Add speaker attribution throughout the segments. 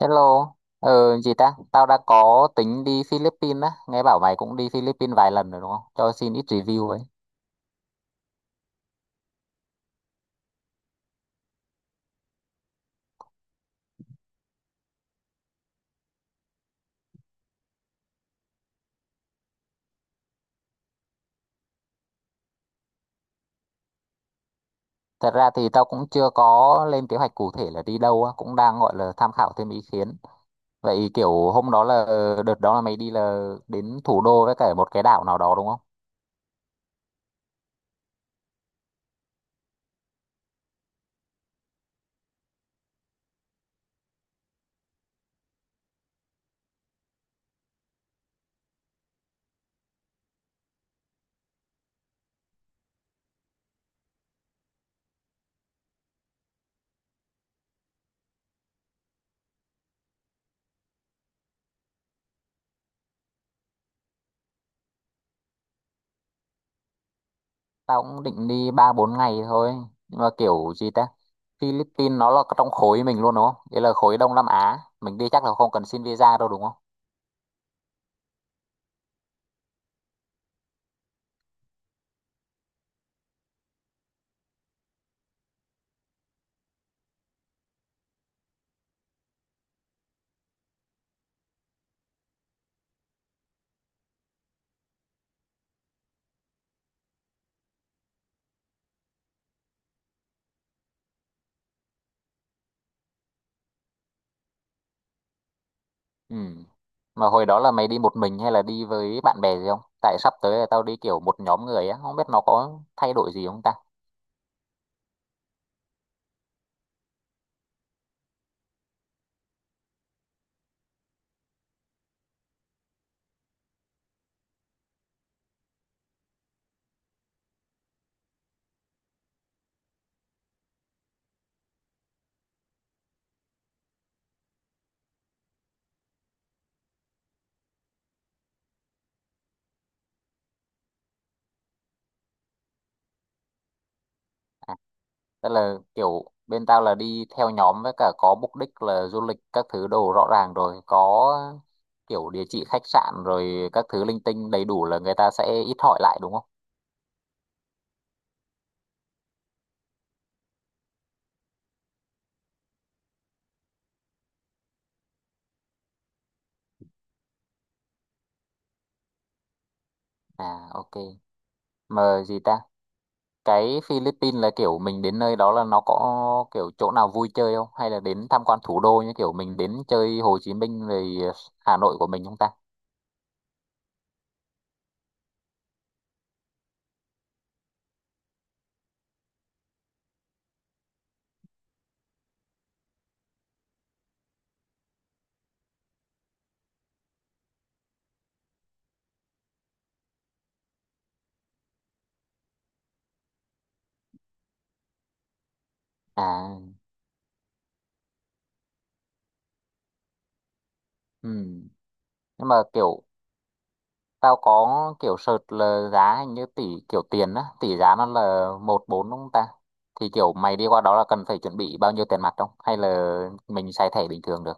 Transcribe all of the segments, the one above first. Speaker 1: Hello, gì ta? Tao đã có tính đi Philippines á, nghe bảo mày cũng đi Philippines vài lần rồi đúng không? Cho xin ít review ấy. Thật ra thì tao cũng chưa có lên kế hoạch cụ thể là đi đâu á, cũng đang gọi là tham khảo thêm ý kiến. Vậy kiểu hôm đó là đợt đó là mày đi là đến thủ đô với cả một cái đảo nào đó đúng không? Tao cũng định đi 3 4 ngày thôi, nhưng mà kiểu gì ta? Philippines nó là trong khối mình luôn đúng không? Đấy là khối Đông Nam Á, mình đi chắc là không cần xin visa đâu đúng không? Ừ. Mà hồi đó là mày đi một mình hay là đi với bạn bè gì không? Tại sắp tới là tao đi kiểu một nhóm người á, không biết nó có thay đổi gì không ta. Tức là kiểu bên tao là đi theo nhóm với cả có mục đích là du lịch các thứ đồ rõ ràng rồi, có kiểu địa chỉ khách sạn rồi các thứ linh tinh đầy đủ là người ta sẽ ít hỏi lại đúng không? À, ok. Mà gì ta? Cái Philippines là kiểu mình đến nơi đó là nó có kiểu chỗ nào vui chơi không hay là đến tham quan thủ đô như kiểu mình đến chơi Hồ Chí Minh rồi Hà Nội của mình không ta? À, ừ. Nhưng mà kiểu tao có kiểu search là giá hình như tỷ kiểu tiền á, tỷ giá nó là một bốn đúng không ta? Thì kiểu mày đi qua đó là cần phải chuẩn bị bao nhiêu tiền mặt không hay là mình xài thẻ bình thường được?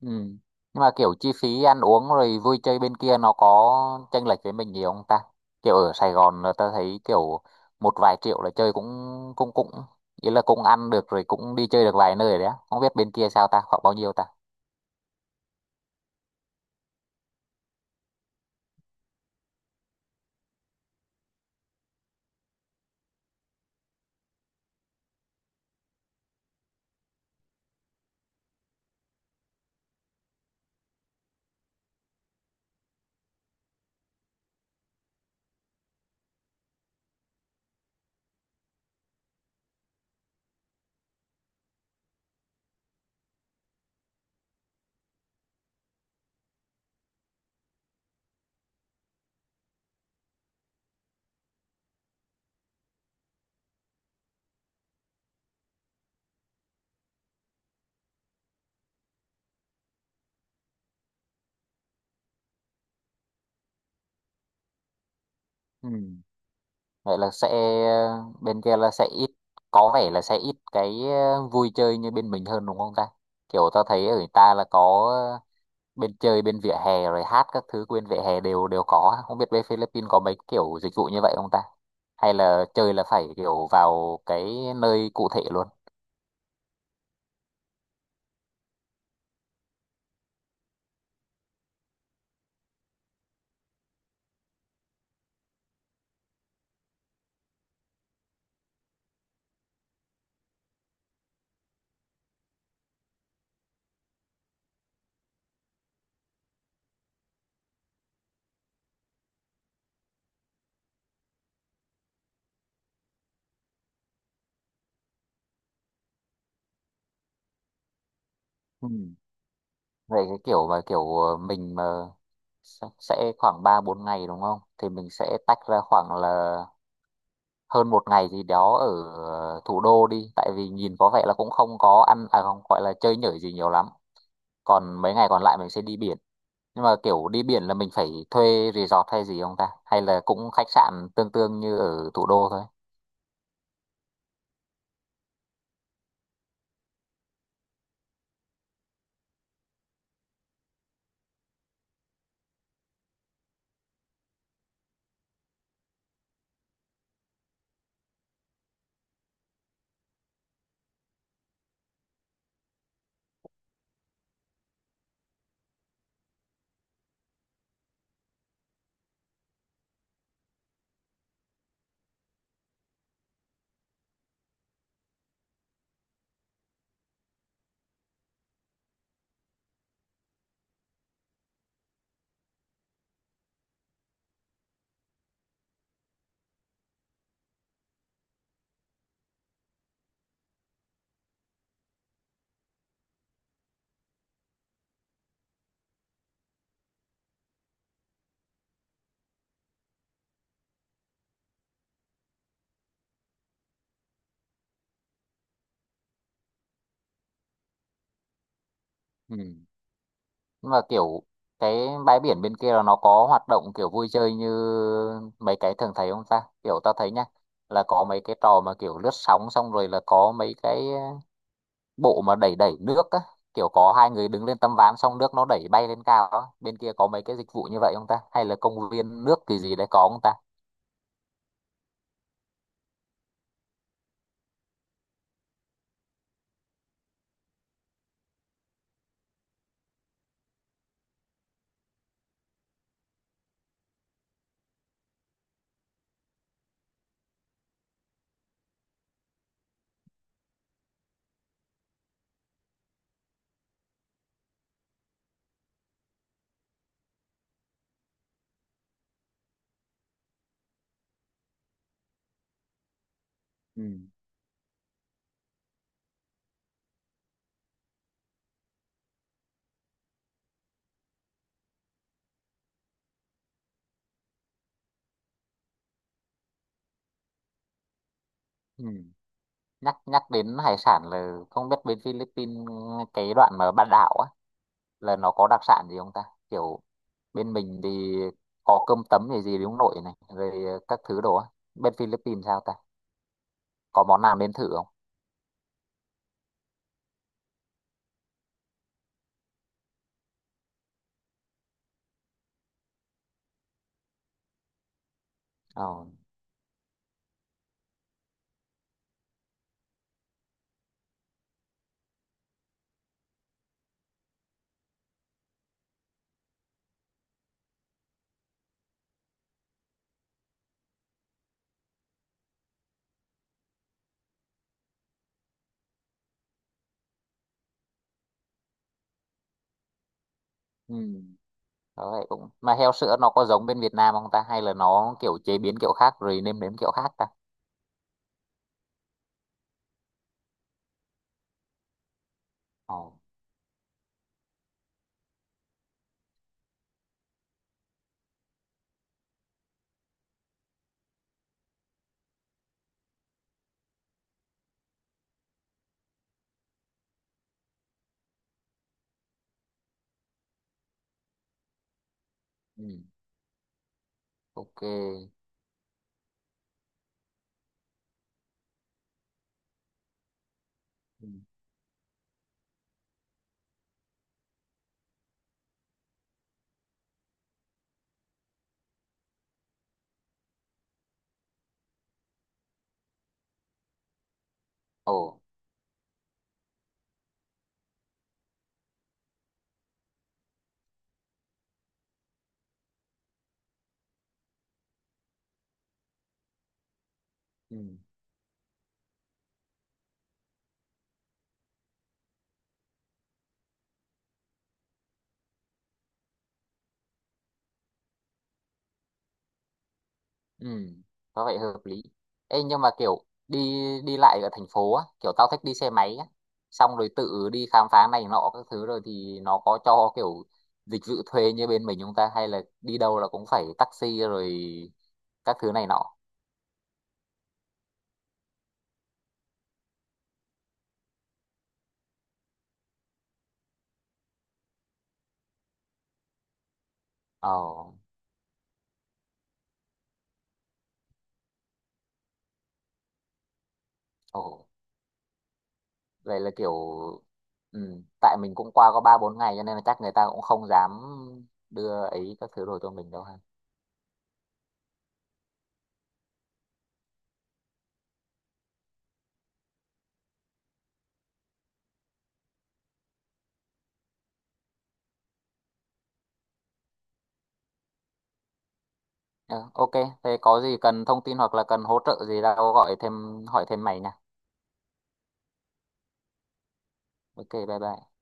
Speaker 1: Ừ. Nhưng mà kiểu chi phí ăn uống rồi vui chơi bên kia nó có chênh lệch với mình nhiều không ta? Kiểu ở Sài Gòn là ta thấy kiểu một vài triệu là chơi cũng cũng cũng ý là cũng ăn được rồi cũng đi chơi được vài nơi đấy á. Không biết bên kia sao ta, khoảng bao nhiêu ta? Ừ. Vậy là sẽ bên kia là sẽ ít có vẻ là sẽ ít cái vui chơi như bên mình hơn đúng không ta? Kiểu ta thấy ở người ta là có bên chơi bên vỉa hè rồi hát các thứ bên vỉa hè đều đều có ha? Không biết bên Philippines có mấy kiểu dịch vụ như vậy không ta hay là chơi là phải kiểu vào cái nơi cụ thể luôn? Ừ. Vậy cái kiểu mà kiểu mình mà sẽ khoảng 3 4 ngày đúng không thì mình sẽ tách ra khoảng là hơn một ngày gì đó ở thủ đô đi, tại vì nhìn có vẻ là cũng không có ăn à không gọi là chơi nhởi gì nhiều lắm, còn mấy ngày còn lại mình sẽ đi biển. Nhưng mà kiểu đi biển là mình phải thuê resort hay gì không ta hay là cũng khách sạn tương tương như ở thủ đô thôi? Ừ. Nhưng mà kiểu cái bãi biển bên kia là nó có hoạt động kiểu vui chơi như mấy cái thường thấy không ta? Kiểu tao thấy nhá, là có mấy cái trò mà kiểu lướt sóng xong rồi là có mấy cái bộ mà đẩy đẩy nước á, kiểu có hai người đứng lên tấm ván xong nước nó đẩy bay lên cao á, bên kia có mấy cái dịch vụ như vậy không ta hay là công viên nước thì gì đấy có không ta? Ừ. Ừ. Nhắc nhắc đến hải sản là không biết bên Philippines cái đoạn mà bán đảo á là nó có đặc sản gì không ta? Kiểu bên mình thì có cơm tấm gì gì đúng nội này rồi các thứ đồ á, bên Philippines sao ta? Có món nào nên thử không? Ờ. Ừ. Đó vậy cũng mà heo sữa nó có giống bên Việt Nam không ta hay là nó kiểu chế biến kiểu khác rồi nêm nếm kiểu khác ta? Ồ, ừ. Ok. Ừ. Ồ. Ừ. Ừ, có vẻ hợp lý. Ê, nhưng mà kiểu đi đi lại ở thành phố á, kiểu tao thích đi xe máy á, xong rồi tự đi khám phá này nọ các thứ rồi thì nó có cho kiểu dịch vụ thuê như bên mình chúng ta hay là đi đâu là cũng phải taxi rồi các thứ này nọ. Ờ. Ồ, vậy là kiểu ừ, tại mình cũng qua có 3 4 ngày cho nên là chắc người ta cũng không dám đưa ấy các thứ đồ cho mình đâu ha. Ờ, ok, thế có gì cần thông tin hoặc là cần hỗ trợ gì tao gọi thêm hỏi thêm mày nha. Ok, bye bye.